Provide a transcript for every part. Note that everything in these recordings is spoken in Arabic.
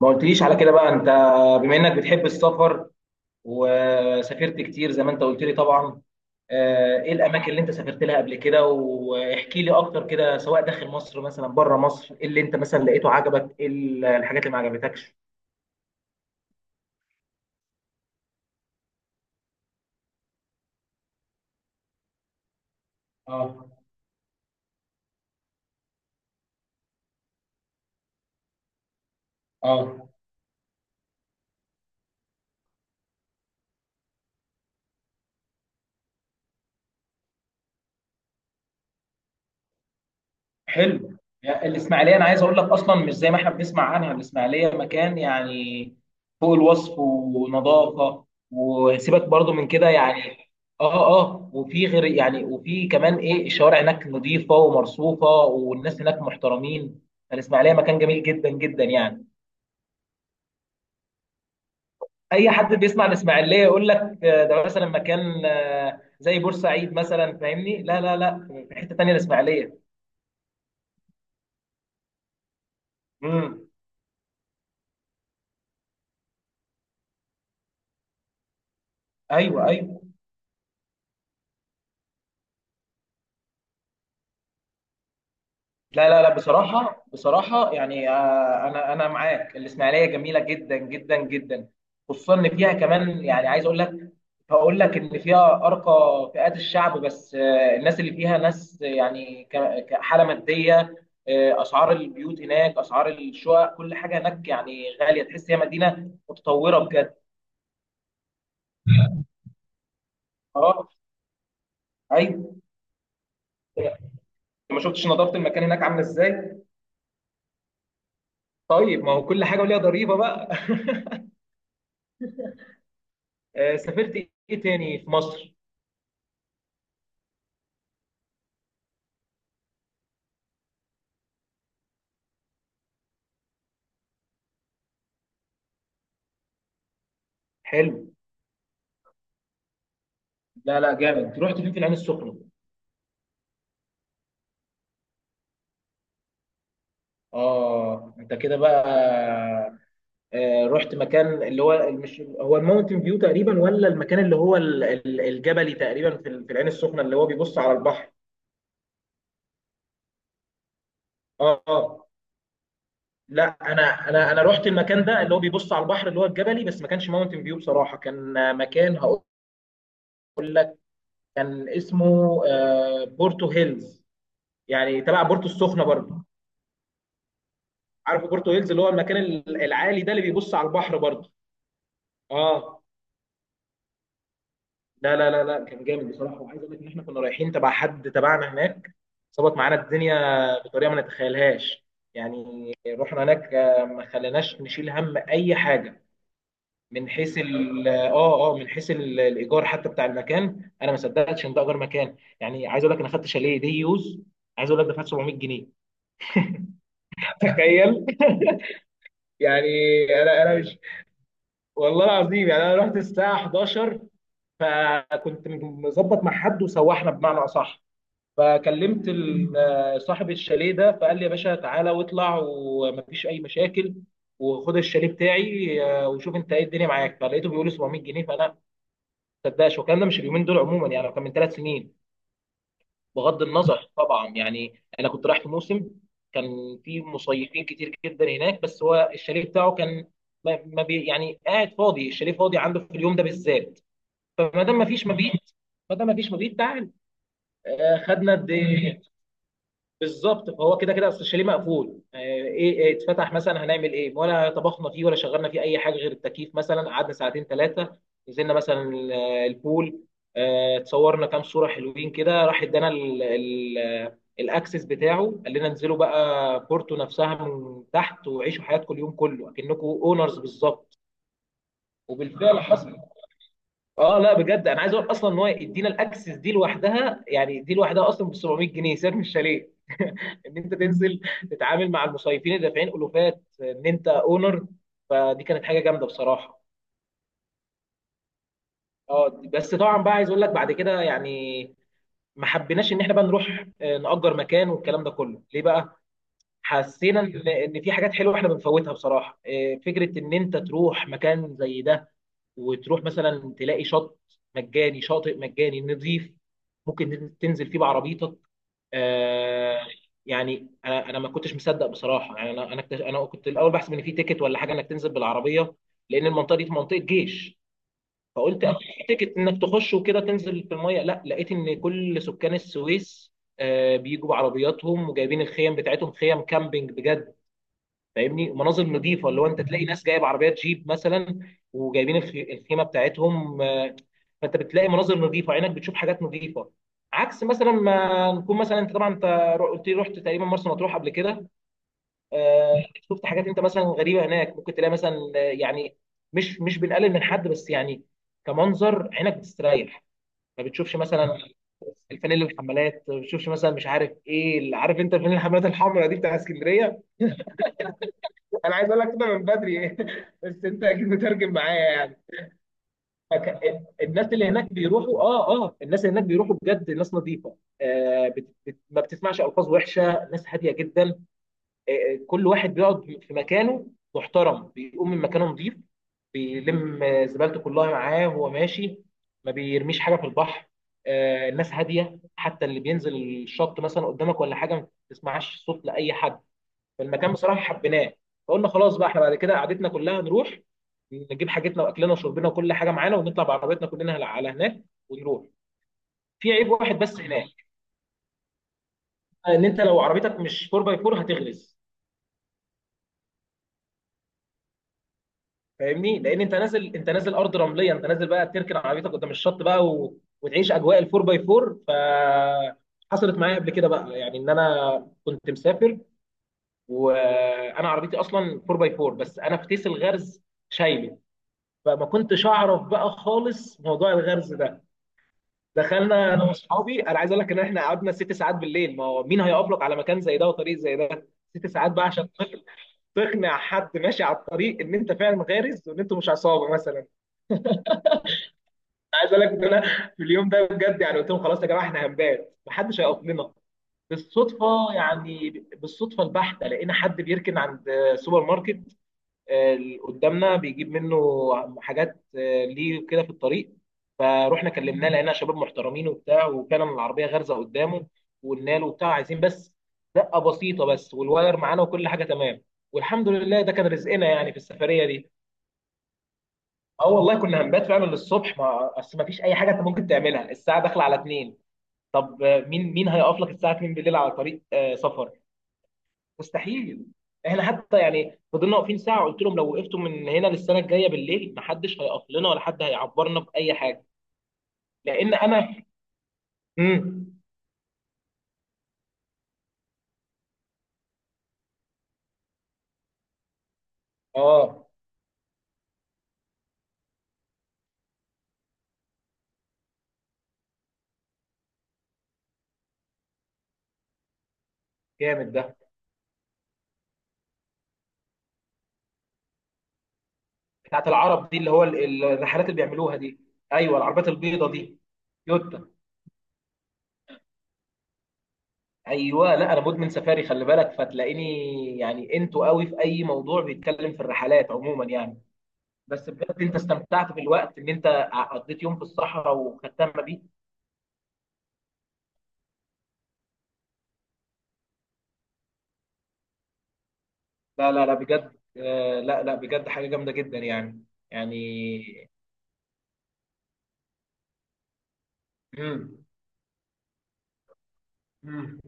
ما قلتليش على كده بقى انت، بما انك بتحب السفر وسافرت كتير زي ما انت قلت لي طبعا. ايه الاماكن اللي انت سافرت لها قبل كده؟ واحكي لي اكتر كده، سواء داخل مصر مثلا، بره مصر، ايه اللي انت مثلا لقيته عجبك، ايه الحاجات اللي ما عجبتكش؟ اه، اه. حلو. يعني الاسماعيليه انا عايز اقول لك اصلا مش زي ما احنا بنسمع عنها، الاسماعيليه مكان يعني فوق الوصف، ونظافه، وسيبك برضو من كده يعني. اه، اه، وفي غير يعني وفي كمان ايه، الشوارع هناك نظيفه ومرصوفه، والناس هناك محترمين. الاسماعيليه مكان جميل جدا جدا يعني. اي حد بيسمع الاسماعيليه يقول لك ده مثلا مكان، زي بورسعيد مثلا، فاهمني؟ لا، لا، لا، في حته تانيه الاسماعيليه. امم ايوه، ايوه. لا، لا، لا، بصراحة بصراحة يعني أنا معاك، الإسماعيلية جميلة جدا جدا جدا، خصوصا إن فيها كمان يعني عايز أقول لك، هقول لك إن فيها أرقى فئات الشعب، بس الناس اللي فيها ناس يعني كحالة مادية. أسعار البيوت هناك، أسعار الشقق، كل حاجة هناك يعني غالية، تحس هي مدينة متطورة بجد. أه. أيوه. ما شفتش نظافة المكان هناك عاملة إزاي. طيب ما هو كل حاجة وليها ضريبة بقى. سافرت إيه تاني في مصر؟ حلو. لا، لا، جامد، رحت فين في العين السخنه؟ اه انت كده بقى. آه رحت مكان اللي هو، مش هو الماونتن فيو تقريبا، ولا المكان اللي هو الجبلي تقريبا في في العين السخنه اللي هو بيبص على البحر؟ اه، اه. لا، انا رحت المكان ده اللي هو بيبص على البحر اللي هو الجبلي، بس ما كانش ماونتن فيو بصراحه، كان مكان هقول لك كان اسمه بورتو هيلز، يعني تبع بورتو السخنه برضه. عارف بورتو هيلز اللي هو المكان العالي ده اللي بيبص على البحر برضه؟ اه. لا، لا، لا، لا، كان جامد بصراحه، وعايز اقول لك ان احنا كنا رايحين تبع حد تبعنا هناك، ظبط معانا الدنيا بطريقه ما نتخيلهاش. يعني رحنا هناك، ما خليناش نشيل هم اي حاجه. من حيث من حيث الايجار حتى، بتاع المكان انا ما صدقتش ان ده اجار مكان. يعني عايز اقول لك انا خدت شاليه دي يوز، عايز اقول لك دفعت 700 جنيه. تخيل يعني. انا انا مش والله العظيم يعني انا رحت الساعه 11، فكنت مظبط مع حد وسوحنا بمعنى اصح. فكلمت صاحب الشاليه ده، فقال لي يا باشا تعالى واطلع، ومفيش اي مشاكل، وخد الشاليه بتاعي، وشوف انت ايه الدنيا معاك. فلقيته بيقول لي 700 جنيه، فانا ما صدقش. والكلام ده مش اليومين دول عموما يعني، هو كان من ثلاث سنين، بغض النظر طبعا. يعني انا كنت رايح في موسم، كان في مصيفين كتير جدا هناك، بس هو الشاليه بتاعه كان ما ما بي يعني قاعد فاضي، الشاليه فاضي عنده في اليوم ده بالذات. فما دام ما فيش مبيت، ما دام ما فيش مبيت تعال، خدنا قد ايه. بالظبط، فهو كده كده اصل الشاليه مقفول، آه، ايه إيه اتفتح مثلا هنعمل ايه، ولا طبخنا فيه ولا شغلنا فيه اي حاجه غير التكييف مثلا. قعدنا ساعتين ثلاثه، نزلنا مثلا البول، اتصورنا كام صوره حلوين كده، راح ادانا الاكسس بتاعه، قال لنا انزلوا بقى بورتو نفسها من تحت، وعيشوا حياتكم اليوم كله اكنكم اونرز بالظبط. وبالفعل حصل. اه، لا بجد انا عايز اقول اصلا ان هو يدينا الاكسس دي لوحدها، يعني دي لوحدها اصلا ب 700 جنيه، سعر مش شاليه. ان انت تنزل تتعامل مع المصيفين اللي دافعين الوفات ان انت اونر، فدي كانت حاجه جامده بصراحه. اه، بس طبعا بقى، عايز اقول لك بعد كده يعني ما حبيناش ان احنا بقى نروح نأجر مكان والكلام ده كله. ليه بقى؟ حسينا ان إن في حاجات حلوه احنا بنفوتها بصراحه. فكره ان انت تروح مكان زي ده، وتروح مثلا تلاقي شط مجاني، شاطئ مجاني نظيف، ممكن تنزل فيه بعربيتك. آه يعني انا ما كنتش مصدق بصراحه. يعني انا كنت الاول بحسب ان في تيكت ولا حاجه، انك تنزل بالعربيه، لان المنطقه دي منطقه جيش. فقلت أكيد في تيكت انك تخش وكده، تنزل في الميه. لا، لقيت ان كل سكان السويس بيجوا بعربياتهم، وجايبين الخيم بتاعتهم، خيم كامبينج بجد، فاهمني؟ ومناظر نظيفه، اللي هو انت تلاقي ناس جايب عربيات جيب مثلا، وجايبين الخيمه بتاعتهم. فانت بتلاقي مناظر نظيفه، عينك بتشوف حاجات نظيفه، عكس مثلا ما نكون مثلا. انت طبعا انت قلت لي رحت تقريبا مرسى مطروح قبل كده. آه، شفت حاجات انت مثلا غريبه هناك، ممكن تلاقي مثلا يعني، مش مش بنقلل من حد بس يعني، كمنظر عينك بتستريح. ما بتشوفش مثلا الفانيل الحمالات، ما بتشوفش مثلا، مش عارف ايه اللي، عارف انت الفانيل الحمالات الحمراء دي بتاع اسكندريه. انا عايز اقول لك كده من بدري. بس انت اكيد مترجم معايا يعني. فك- الناس اللي هناك بيروحوا، اه، اه، الناس اللي هناك بيروحوا بجد ناس نظيفه، ما بتسمعش الفاظ وحشه، ناس هاديه جدا. آه، كل واحد بيقعد في مكانه محترم، بيقوم من مكانه نظيف، بيلم زبالته كلها معاه وهو ماشي، ما بيرميش حاجه في البحر. آه، الناس هاديه، حتى اللي بينزل الشط مثلا قدامك ولا حاجه، ما بتسمعش صوت لاي حد، المكان بصراحه حبيناه. فقلنا خلاص بقى احنا بعد كده قعدتنا كلها نروح، نجيب حاجتنا واكلنا وشربنا وكل حاجه معانا، ونطلع بعربيتنا كلنا على على هناك ونروح. في عيب واحد بس هناك، ان انت لو عربيتك مش 4 باي 4 هتغرز. فاهمني؟ لان انت نازل، انت نازل ارض رمليه، انت نازل بقى تركن عربيتك قدام الشط بقى و... وتعيش اجواء ال 4 باي 4. ف حصلت معايا قبل كده بقى يعني، ان انا كنت مسافر وانا عربيتي اصلا 4 باي 4، بس انا في تيس الغرز شايله، فما كنتش اعرف بقى خالص موضوع الغرز ده. دخلنا انا واصحابي، انا عايز اقول لك ان احنا قعدنا ست ساعات بالليل. ما هو مين هيقابلك على مكان زي ده وطريق زي ده؟ ست ساعات بقى عشان تقنع، تقنع حد ماشي على الطريق ان انت فعلا غارز، وان انت مش عصابه مثلا. أنا عايز اقول لك ان انا في اليوم ده بجد يعني قلت لهم خلاص يا جماعه، احنا هنبات، محدش هيقف لنا. بالصدفه يعني، بالصدفه البحته، لقينا حد بيركن عند سوبر ماركت اللي قدامنا بيجيب منه حاجات، ليه كده في الطريق. فروحنا كلمناه، لقينا شباب محترمين وبتاع، وفعلا العربيه غارزه قدامه، وقلنا له وبتاع عايزين بس دقه بسيطه بس، والواير معانا وكل حاجه تمام. والحمد لله ده كان رزقنا يعني في السفريه دي. اه، والله كنا هنبات فعلا للصبح، ما اصل ما فيش اي حاجه انت ممكن تعملها الساعه داخله على اتنين. طب مين مين هيقف لك الساعه 2 بالليل على طريق سفر؟ مستحيل. احنا حتى يعني فضلنا واقفين ساعه، قلت لهم لو وقفتوا من هنا للسنه الجايه بالليل محدش هيقف لنا ولا حد هيعبرنا باي حاجه. لان انا. امم اه جامد ده. بتاعت العرب دي اللي هو الرحلات اللي بيعملوها دي. ايوه العربيات البيضه دي، يوتا. ايوه، لا انا مدمن سفاري خلي بالك، فتلاقيني يعني انتوا قوي في اي موضوع بيتكلم في الرحلات عموما يعني. بس بجد انت استمتعت بالوقت ان انت قضيت يوم في الصحراء وختمنا بيه. لا، لا، لا، بجد آه، لا لا بجد حاجة جامدة جدا يعني. يعني. مم. مم.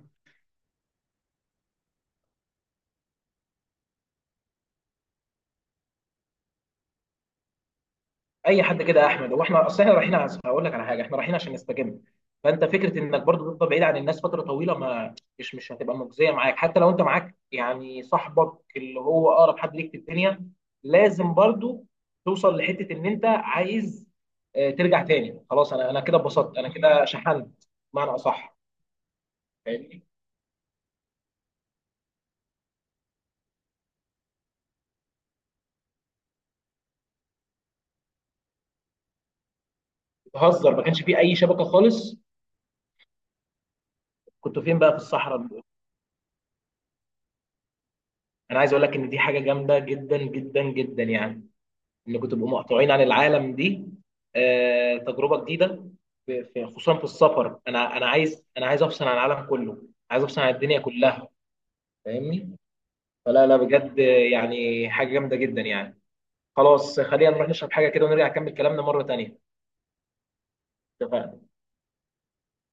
اي حد كده يا احمد، هو احنا اصل احنا رايحين هقول لك على حاجه، احنا رايحين عشان نستجم. فانت فكره انك برضو تفضل بعيد عن الناس فتره طويله، ما مش مش هتبقى مجزيه معاك، حتى لو انت معاك يعني صاحبك اللي هو اقرب حد ليك في الدنيا. لازم برضو توصل لحته ان انت عايز ترجع تاني. خلاص انا انا كده اتبسطت، انا كده شحنت بمعنى اصح. فاهمني؟ بتهزر ما كانش فيه اي شبكه خالص؟ كنتوا فين بقى في الصحراء؟ انا عايز اقول لك ان دي حاجه جامده جدا جدا جدا يعني، انكم تبقوا مقطوعين عن العالم، دي تجربه جديده. خصوصا في السفر، انا عايز، انا عايز افصل عن العالم كله، عايز افصل عن الدنيا كلها. فاهمني؟ فلا، لا بجد يعني حاجه جامده جدا يعني. خلاص خلينا نروح نشرب حاجه كده ونرجع نكمل كلامنا مره تانيه. اتفقنا.